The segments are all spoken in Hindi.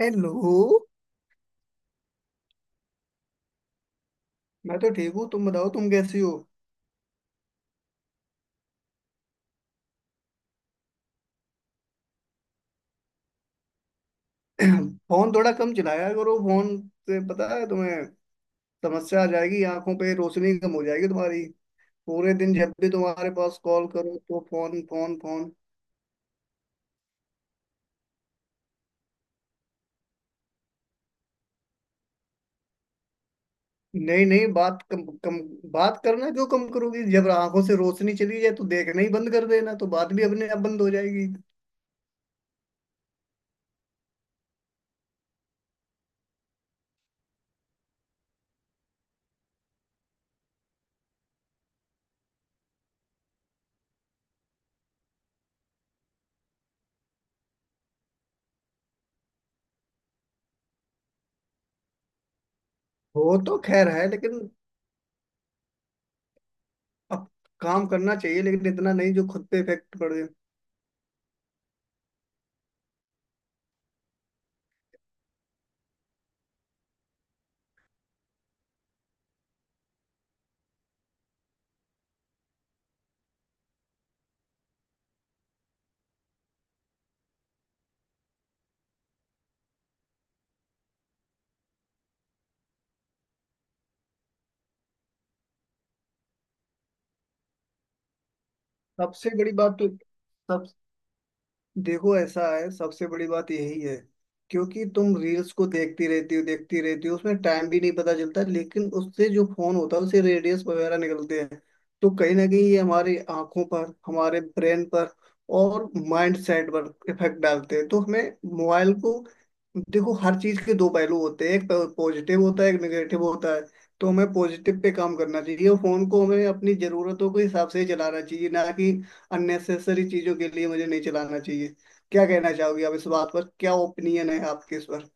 हेलो। मैं तो ठीक हूँ, तुम बताओ तुम कैसी हो। फोन थोड़ा कम चलाया करो। फोन से पता है तुम्हें समस्या आ जाएगी, आंखों पे रोशनी कम हो जाएगी तुम्हारी। पूरे दिन जब भी तुम्हारे पास कॉल करो तो फोन, फोन, फोन। नहीं नहीं, बात कम कम। बात करना क्यों कम करोगी? जब आंखों से रोशनी चली जाए तो देखना ही बंद कर देना, तो बात भी अपने आप बंद हो जाएगी। हो तो खैर है, लेकिन अब काम करना चाहिए, लेकिन इतना नहीं जो खुद पे इफेक्ट पड़े। सबसे बड़ी बात तो, सब, देखो ऐसा है, सबसे बड़ी बात यही है, क्योंकि तुम रील्स को देखती रहती हो, देखती रहती हो, उसमें टाइम भी नहीं पता चलता। लेकिन उससे जो फोन होता है उससे रेडियस वगैरह निकलते हैं। तो कहीं ना कहीं ये हमारी आंखों पर, हमारे ब्रेन पर और माइंड सेट पर इफेक्ट डालते हैं। तो हमें मोबाइल को, देखो, हर चीज के दो पहलू होते हैं, एक पॉजिटिव होता है एक नेगेटिव होता है। तो हमें पॉजिटिव पे काम करना चाहिए और फोन को हमें अपनी जरूरतों के हिसाब से ही चलाना चाहिए, ना कि अननेसेसरी चीजों के लिए। मुझे नहीं चलाना चाहिए। क्या कहना चाहोगी आप इस बात पर, क्या ओपिनियन है आपके इस पर?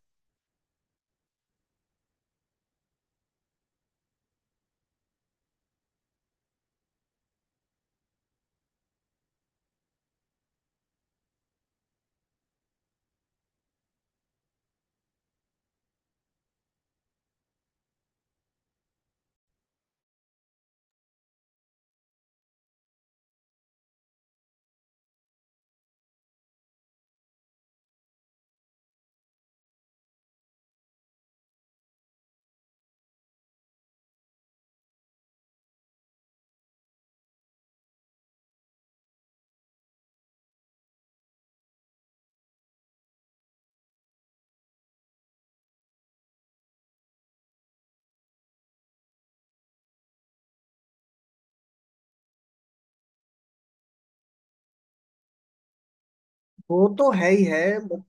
वो तो है ही है। but-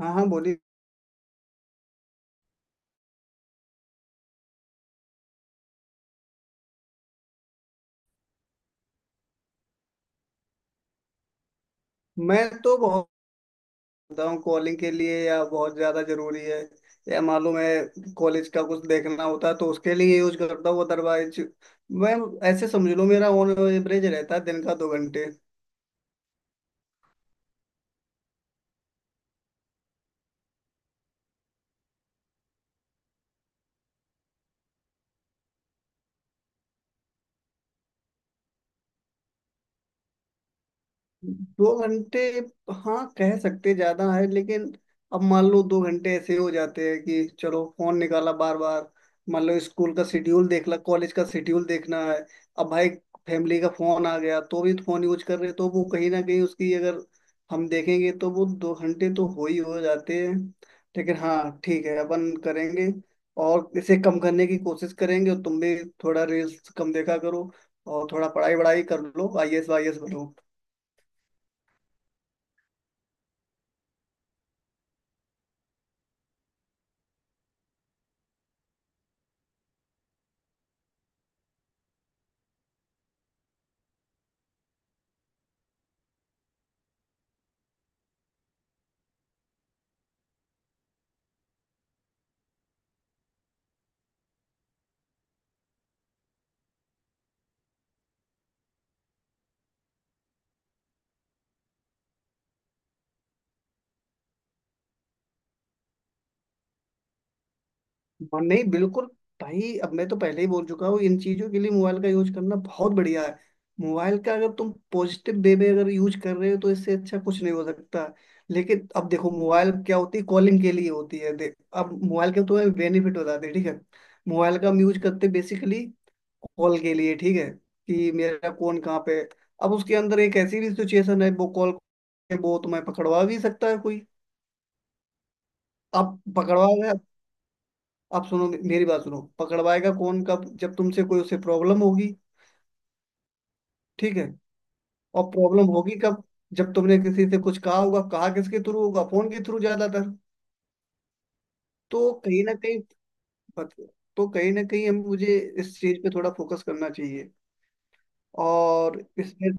हाँ हाँ, बोलिए। मैं तो बहुत करता हूँ कॉलिंग के लिए, या बहुत ज्यादा जरूरी है, या मालूम है कॉलेज का कुछ देखना होता है तो उसके लिए यूज करता हूँ। अदरवाइज मैं, ऐसे समझ लो, मेरा ऑन एवरेज रहता है दिन का 2 घंटे, 2 घंटे, हाँ कह सकते ज्यादा है, लेकिन अब मान लो 2 घंटे ऐसे हो जाते हैं कि चलो फोन निकाला बार बार। मान लो स्कूल का शेड्यूल देख ला, कॉलेज का शेड्यूल देखना है। अब भाई फैमिली का फोन आ गया तो भी फोन यूज कर रहे, तो वो कहीं ना कहीं उसकी अगर हम देखेंगे तो वो 2 घंटे तो हो ही हो जाते हैं। लेकिन हाँ ठीक है, अपन करेंगे और इसे कम करने की कोशिश करेंगे। और तुम भी थोड़ा रील्स कम देखा करो और थोड़ा पढ़ाई वढ़ाई कर लो, आईएएस वाईएएस बनो। और नहीं, बिल्कुल भाई, अब मैं तो पहले ही बोल चुका हूँ, इन चीजों के लिए मोबाइल का यूज करना बहुत बढ़िया है। मोबाइल का अगर तुम पॉजिटिव वे में अगर यूज कर रहे हो तो इससे अच्छा कुछ नहीं हो सकता। लेकिन अब देखो, मोबाइल क्या होती है? कॉलिंग के लिए होती है। देख, अब मोबाइल के तो तुम्हें बेनिफिट बताते हैं, ठीक है। मोबाइल का हम यूज करते बेसिकली कॉल के लिए, ठीक है, कि मेरा कौन कहाँ पे है। अब उसके अंदर एक ऐसी भी सिचुएशन है, वो कॉल वो तुम्हें पकड़वा भी सकता है कोई। अब पकड़वा गया। आप सुनो, मेरी बात सुनो, पकड़वाएगा कौन, कब? जब तुमसे कोई उसे प्रॉब्लम होगी, ठीक है। और प्रॉब्लम होगी कब? जब तुमने किसी से कुछ कहा होगा, कहा किसके थ्रू होगा, फोन के थ्रू ज्यादातर। तो कहीं ना कहीं, पत- तो कहीं ना कहीं, हम, मुझे इस चीज पे थोड़ा फोकस करना चाहिए, और इसमें।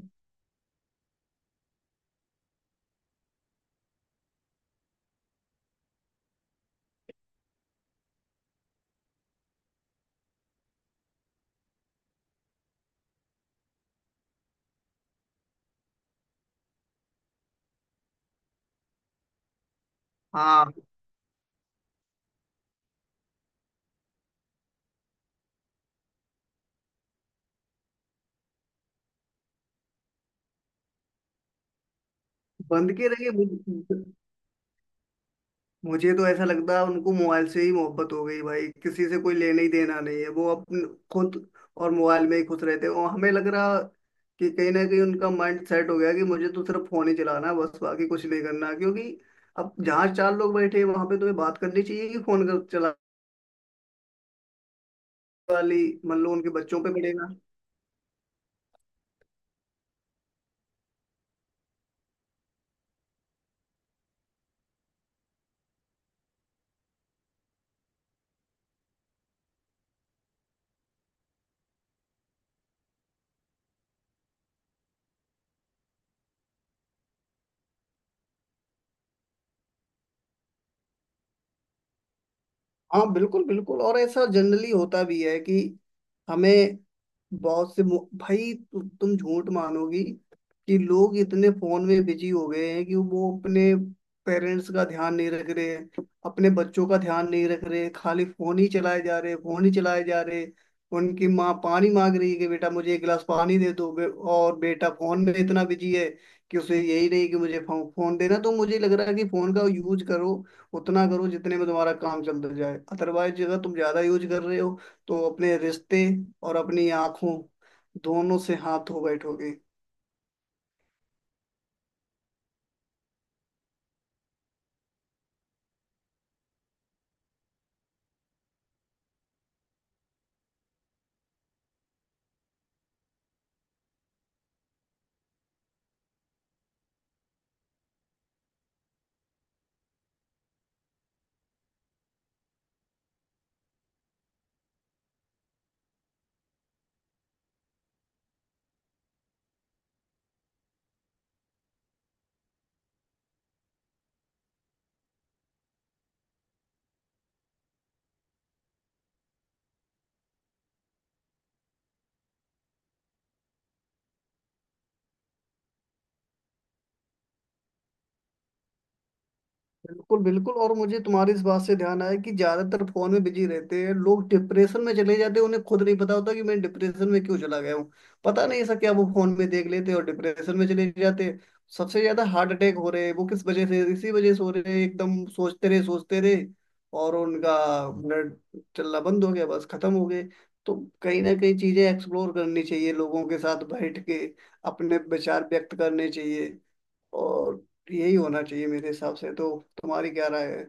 हाँ, बंद के रहिए। मुझे तो ऐसा लगता है उनको मोबाइल से ही मोहब्बत हो गई भाई, किसी से कोई लेना ही देना नहीं है, वो अपन, खुद और मोबाइल में ही खुश रहते हैं। और हमें लग रहा कि कहीं ना कहीं उनका माइंड सेट हो गया कि मुझे तो सिर्फ फोन ही चलाना है, बस बाकी कुछ नहीं करना, क्योंकि अब जहाँ चार लोग बैठे हैं वहां पे तुम्हें बात करनी चाहिए, कि फोन कर चला वाली, मान लो उनके बच्चों पे पड़ेगा। हाँ बिल्कुल बिल्कुल, और ऐसा जनरली होता भी है कि हमें बहुत से भाई तुम झूठ मानोगी कि लोग इतने फोन में बिजी हो गए हैं कि वो अपने पेरेंट्स का ध्यान नहीं रख रहे हैं, अपने बच्चों का ध्यान नहीं रख रहे, खाली फोन ही चलाए जा रहे, फोन ही चलाए जा रहे। उनकी माँ पानी मांग रही है कि बेटा मुझे एक गिलास पानी दे दो, और बेटा फोन में इतना बिजी है कि उसे यही नहीं कि मुझे फोन देना। तो मुझे लग रहा है कि फोन का यूज करो, उतना करो जितने में तुम्हारा काम चलता जाए। अदरवाइज अगर तुम ज्यादा यूज कर रहे हो तो अपने रिश्ते और अपनी आंखों दोनों से हाथ धो बैठोगे। बिल्कुल बिल्कुल, और मुझे तुम्हारी इस बात से ध्यान आया कि ज्यादातर फोन में बिजी रहते हैं लोग, डिप्रेशन में चले जाते हैं, उन्हें खुद नहीं पता होता कि मैं डिप्रेशन में क्यों चला गया हूँ। पता नहीं ऐसा क्या वो फोन में देख लेते हैं और डिप्रेशन में चले जाते हैं। सबसे ज्यादा हार्ट अटैक हो रहे हैं, वो किस वजह से? इसी वजह से हो रहे हैं। एकदम सोचते रहे, सोचते रहे, और उनका ब्लड चलना बंद हो गया, बस खत्म हो गए। तो कहीं ना कहीं चीजें एक्सप्लोर करनी चाहिए लोगों के साथ बैठ के, अपने विचार व्यक्त करने चाहिए, और यही होना चाहिए मेरे हिसाब से तो। तुम्हारी क्या राय है?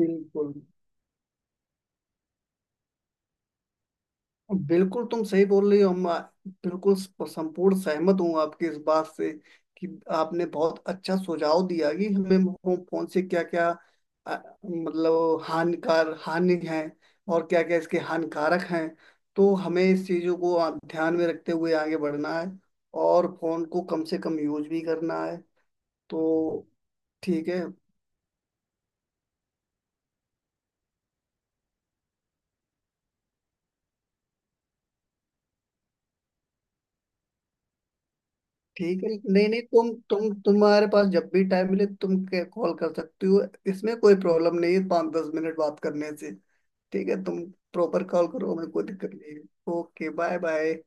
बिल्कुल बिल्कुल तुम सही बोल रही हो। बिल्कुल संपूर्ण सहमत हूँ आपकी इस बात से कि आपने बहुत अच्छा सुझाव दिया कि हमें फोन, फोन से क्या क्या, मतलब हानि है, और क्या क्या इसके हानिकारक हैं। तो हमें इस चीज़ों को ध्यान में रखते हुए आगे बढ़ना है, और फोन को कम से कम यूज भी करना है, तो। ठीक है। ठीक है, नहीं नहीं, तुम्हारे पास जब भी टाइम मिले तुम कॉल कर सकती हो। इसमें कोई प्रॉब्लम नहीं है, 5-10 मिनट बात करने से। ठीक है, तुम प्रॉपर कॉल करो, हमें कोई दिक्कत नहीं है। Okay, bye bye.